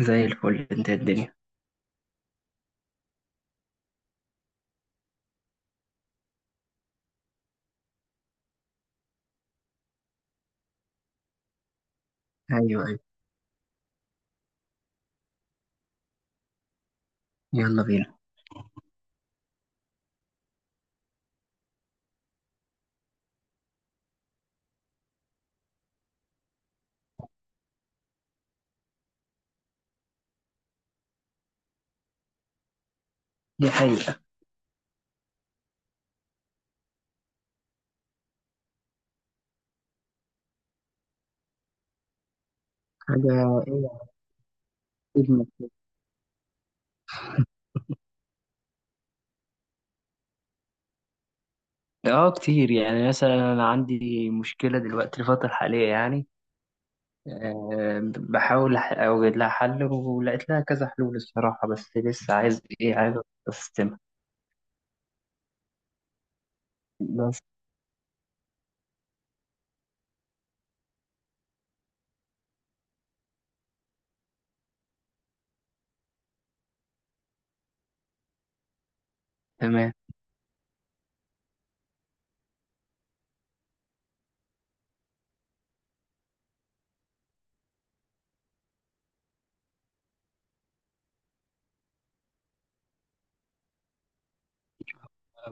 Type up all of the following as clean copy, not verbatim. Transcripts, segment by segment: زي الفل، انت؟ الدنيا؟ ايوه، ايوه. يلا بينا. دي حقيقة. حاجة ايه، ابنك كده؟ اه، كتير. يعني مثلا انا عندي مشكلة دلوقتي الفترة الحالية يعني، بحاول اوجد لها حل ولقيت لها كذا حلول الصراحة، بس لسه عايز ايه، عايز استمع. بس. تمام.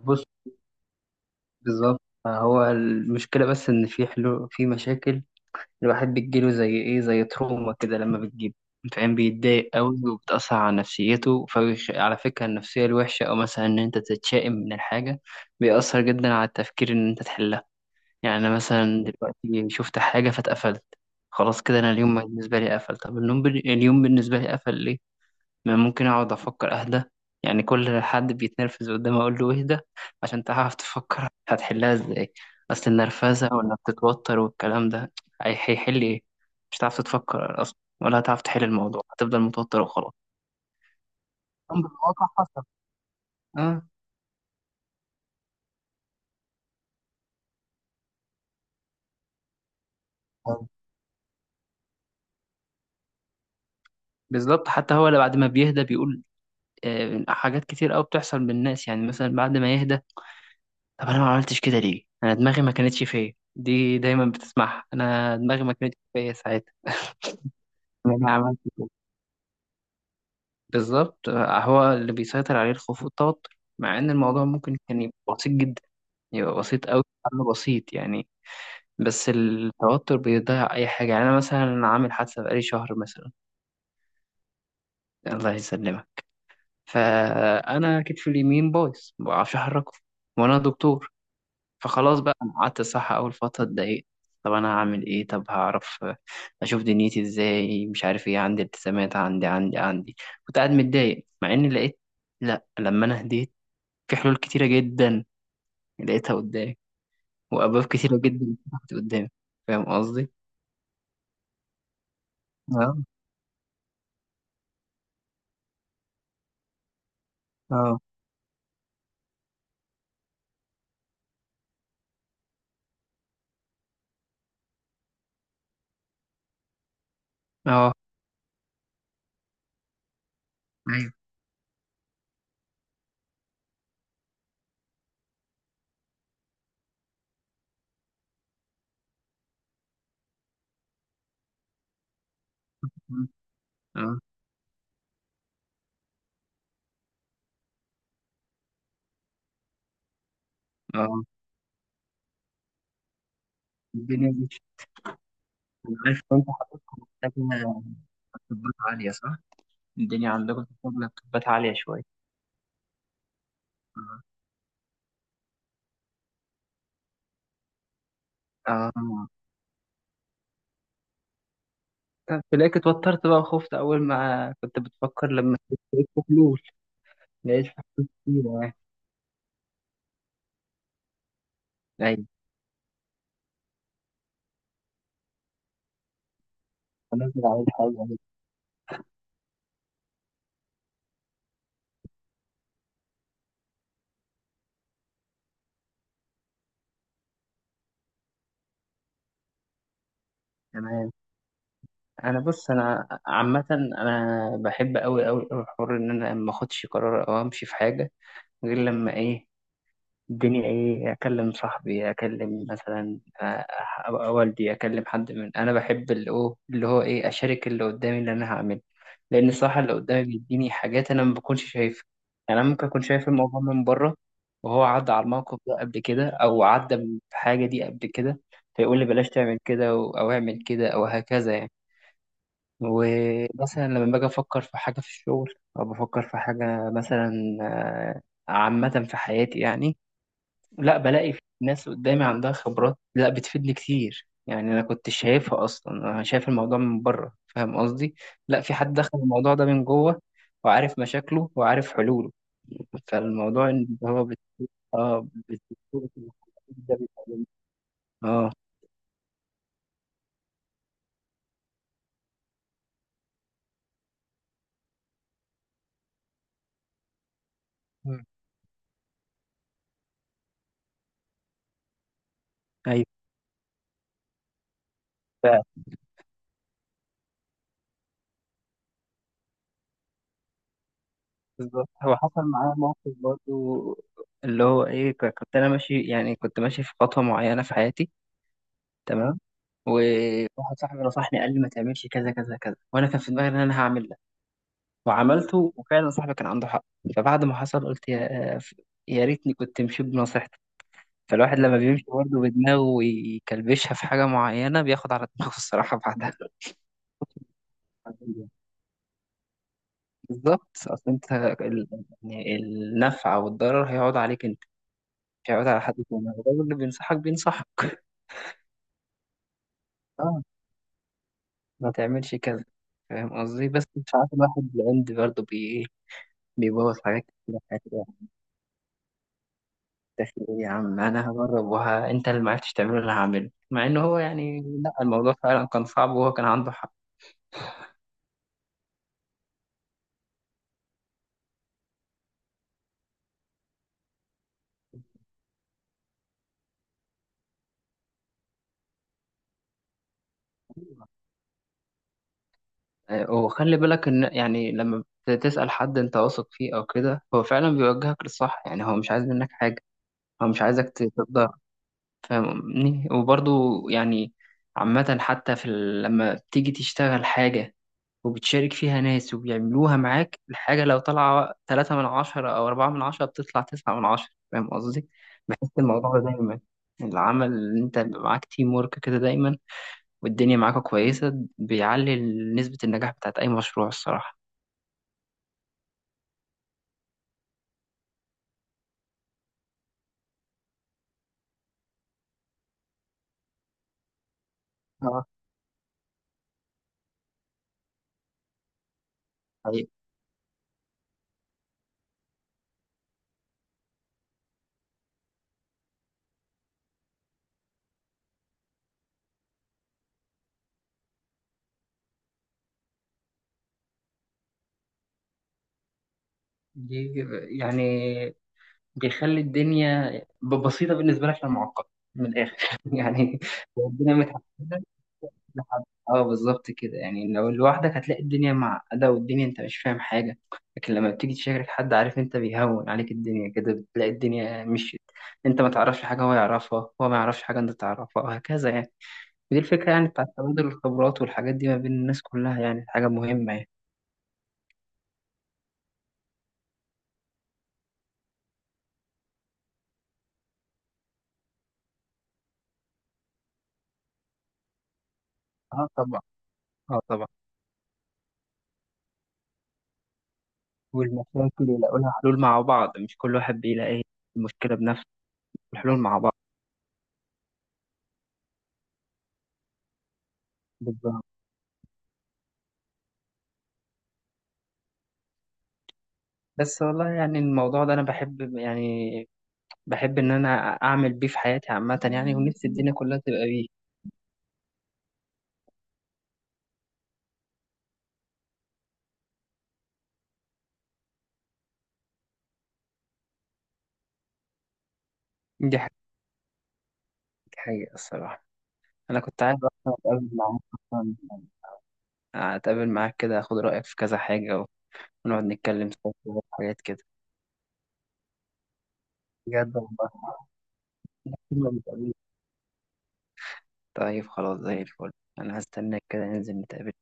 بص. بالظبط. هو المشكلة بس ان في حلول في مشاكل، الواحد بتجيله زي ايه، زي تروما كده لما بتجيب، فاهم؟ بيتضايق قوي وبتأثر على نفسيته، على فكرة النفسية الوحشة أو مثلا إن أنت تتشائم من الحاجة بيأثر جدا على التفكير إن أنت تحلها. يعني أنا مثلا دلوقتي شفت حاجة فاتقفلت، خلاص كده أنا اليوم بالنسبة لي قفل. طب اليوم بالنسبة لي قفل ليه؟ ما ممكن اقعد افكر، اهدى. يعني كل حد بيتنرفز قدامي اقول له اهدى عشان تعرف تفكر هتحلها ازاي. اصل النرفزه، وانك تتوتر والكلام ده، هيحل ايه؟ مش هتعرف تفكر اصلا، ولا هتعرف تحل الموضوع، هتفضل متوتر وخلاص. أمر الواقع حصل. اه، بالظبط. حتى هو اللي بعد ما بيهدى بيقول حاجات كتير قوي بتحصل بالناس يعني، مثلا بعد ما يهدى: طب انا ما عملتش كده ليه؟ انا دماغي ما كانتش فيا. دي دايما بتسمعها: انا دماغي ما كانتش فيا ساعتها. انا عملت بالظبط. هو اللي بيسيطر عليه الخوف والتوتر، مع ان الموضوع ممكن كان يبقى بسيط جدا، يبقى بسيط أوي، حل بسيط يعني. بس التوتر بيضيع أي حاجة. يعني أنا مثلا عامل حادثة بقالي شهر مثلا. الله يسلمك. فأنا كتفي اليمين بايظ، مبعرفش أحركه، وأنا دكتور. فخلاص بقى، أنا قعدت الصح أول فترة اتضايقت: طب أنا هعمل إيه؟ طب هعرف أشوف دنيتي إزاي؟ مش عارف إيه، عندي التزامات، عندي، عندي، عندي. كنت قاعد متضايق، مع إني لقيت. لأ، لما أنا هديت، في حلول كتيرة جدا لقيتها قدامي، وأبواب كتيرة جدا فتحت قدامي. فاهم قصدي؟ اه، اه، اه، ايوه، اه، اه، آه. الدنيا مش. أنا عارف إن انت حضرتك محتاجة لابتوبات عالية، صح؟ الدنيا عندكم محتاجة لابتوبات عالية شوية. اه. آه. تلاقيك اتوترت بقى وخفت أول ما كنت بتفكر، لما لقيت في حلول، لقيت في حلول كتيرة يعني. أيوه. هنزل على الحاجة دي. تمام. انا، بص، انا عامه انا بحب قوي قوي قوي حوار ان انا ما اخدش قرار او امشي في حاجه غير لما ايه، الدنيا ايه، اكلم صاحبي، اكلم مثلا، والدي، اكلم حد من، انا بحب اللي هو ايه، اشارك اللي قدامي اللي انا هعمله، لان الصراحه اللي قدامي بيديني حاجات انا ما بكونش شايفها. يعني انا ممكن اكون شايف الموضوع من بره، وهو عدى على الموقف ده قبل كده او عدى بحاجه دي قبل كده، فيقول لي بلاش تعمل كده او اعمل كده او هكذا يعني. ومثلا لما باجي افكر في حاجه في الشغل او بفكر في حاجه مثلا، آه، عامه في حياتي يعني، لا بلاقي في ناس قدامي عندها خبرات، لا بتفيدني كتير يعني، انا كنت شايفها اصلا؟ انا شايف الموضوع من بره، فاهم قصدي؟ لا، في حد دخل الموضوع ده من جوه وعارف مشاكله وعارف حلوله. فالموضوع ان هو اه ده بيتعلم. اه. مم. ايوه، بالظبط. هو حصل معايا موقف برضو، اللي هو ايه، كنت انا ماشي. يعني كنت ماشي في خطوه معينه في حياتي، تمام، وواحد صاحبي نصحني قال لي ما تعملش كذا كذا كذا، وانا كان في دماغي ان انا هعمل ده، وعملته، وفعلا صاحبي كان عنده حق. فبعد ما حصل قلت يا ريتني كنت مشيت بنصيحته. فالواحد لما بيمشي برضه بدماغه ويكلبشها في حاجه معينه بياخد على دماغه الصراحه بعدها. بالظبط. اصل انت ال- يعني النفع والضرر هيقعد عليك انت. يعود على حد تاني؟ الراجل اللي بينصحك بينصحك. اه، ما تعملش كذا. فاهم قصدي؟ بس مش عارف، الواحد العند برضه بي إيه، بيبوظ حاجات كتير في حياة الواحد. داخل ايه يا عم، انا هجرب انت اللي معرفتش تعمله اللي هعمله، مع ان هو يعني لا الموضوع فعلا كان صعب وهو كان عنده حق. وخلي بالك ان يعني لما بتسأل حد انت واثق فيه او كده، هو فعلا بيوجهك للصح، يعني هو مش عايز منك حاجة. هو مش عايزك تقدر فاهمني؟ وبرضه يعني عامة حتى في لما بتيجي تشتغل حاجة وبتشارك فيها ناس وبيعملوها معاك، الحاجة لو طالعة 3 من 10 أو 4 من 10، بتطلع 9 من 10. فاهم قصدي؟ بحس الموضوع ده دايما، العمل اللي أنت بيبقى معاك تيم ورك كده دايما والدنيا معاك كويسة، بيعلي نسبة النجاح بتاعت أي مشروع الصراحة. اه، حقيقي. دي يعني بيخلي الدنيا بسيطة بالنسبة لك، للمعقد من الآخر يعني. الدنيا متعقدة لحد- اه، بالظبط كده، يعني لو لوحدك هتلاقي الدنيا معقدة والدنيا انت مش فاهم حاجة، لكن لما بتيجي تشارك حد عارف، انت بيهون عليك الدنيا كده، بتلاقي الدنيا مشيت. انت ما تعرفش حاجة هو يعرفها، هو ما يعرفش حاجة انت تعرفها، وهكذا يعني. ودي الفكرة يعني، بتاعت تبادل الخبرات والحاجات دي ما بين الناس، كلها يعني حاجة مهمة يعني. اه، طبعا. اه، طبعا. والمشاكل يلاقوا لها حلول مع بعض، مش كل واحد بيلاقي المشكلة بنفسه، الحلول مع بعض، بالظبط. بس والله، يعني الموضوع ده انا بحب يعني، بحب إن أنا أعمل بيه في حياتي عامة يعني، ونفسي الدنيا كلها تبقى بيه. دي حاجة. حاجة الصراحة. أنا كنت عايز أصلا أتقابل معاك أصلا، أتقابل معاك كده، أخد رأيك في كذا حاجة، ونقعد نتكلم سوا في حاجات كده. بجد والله، كنا بنتقابل. طيب خلاص، زي الفل. أنا هستناك كده، ننزل نتقابل.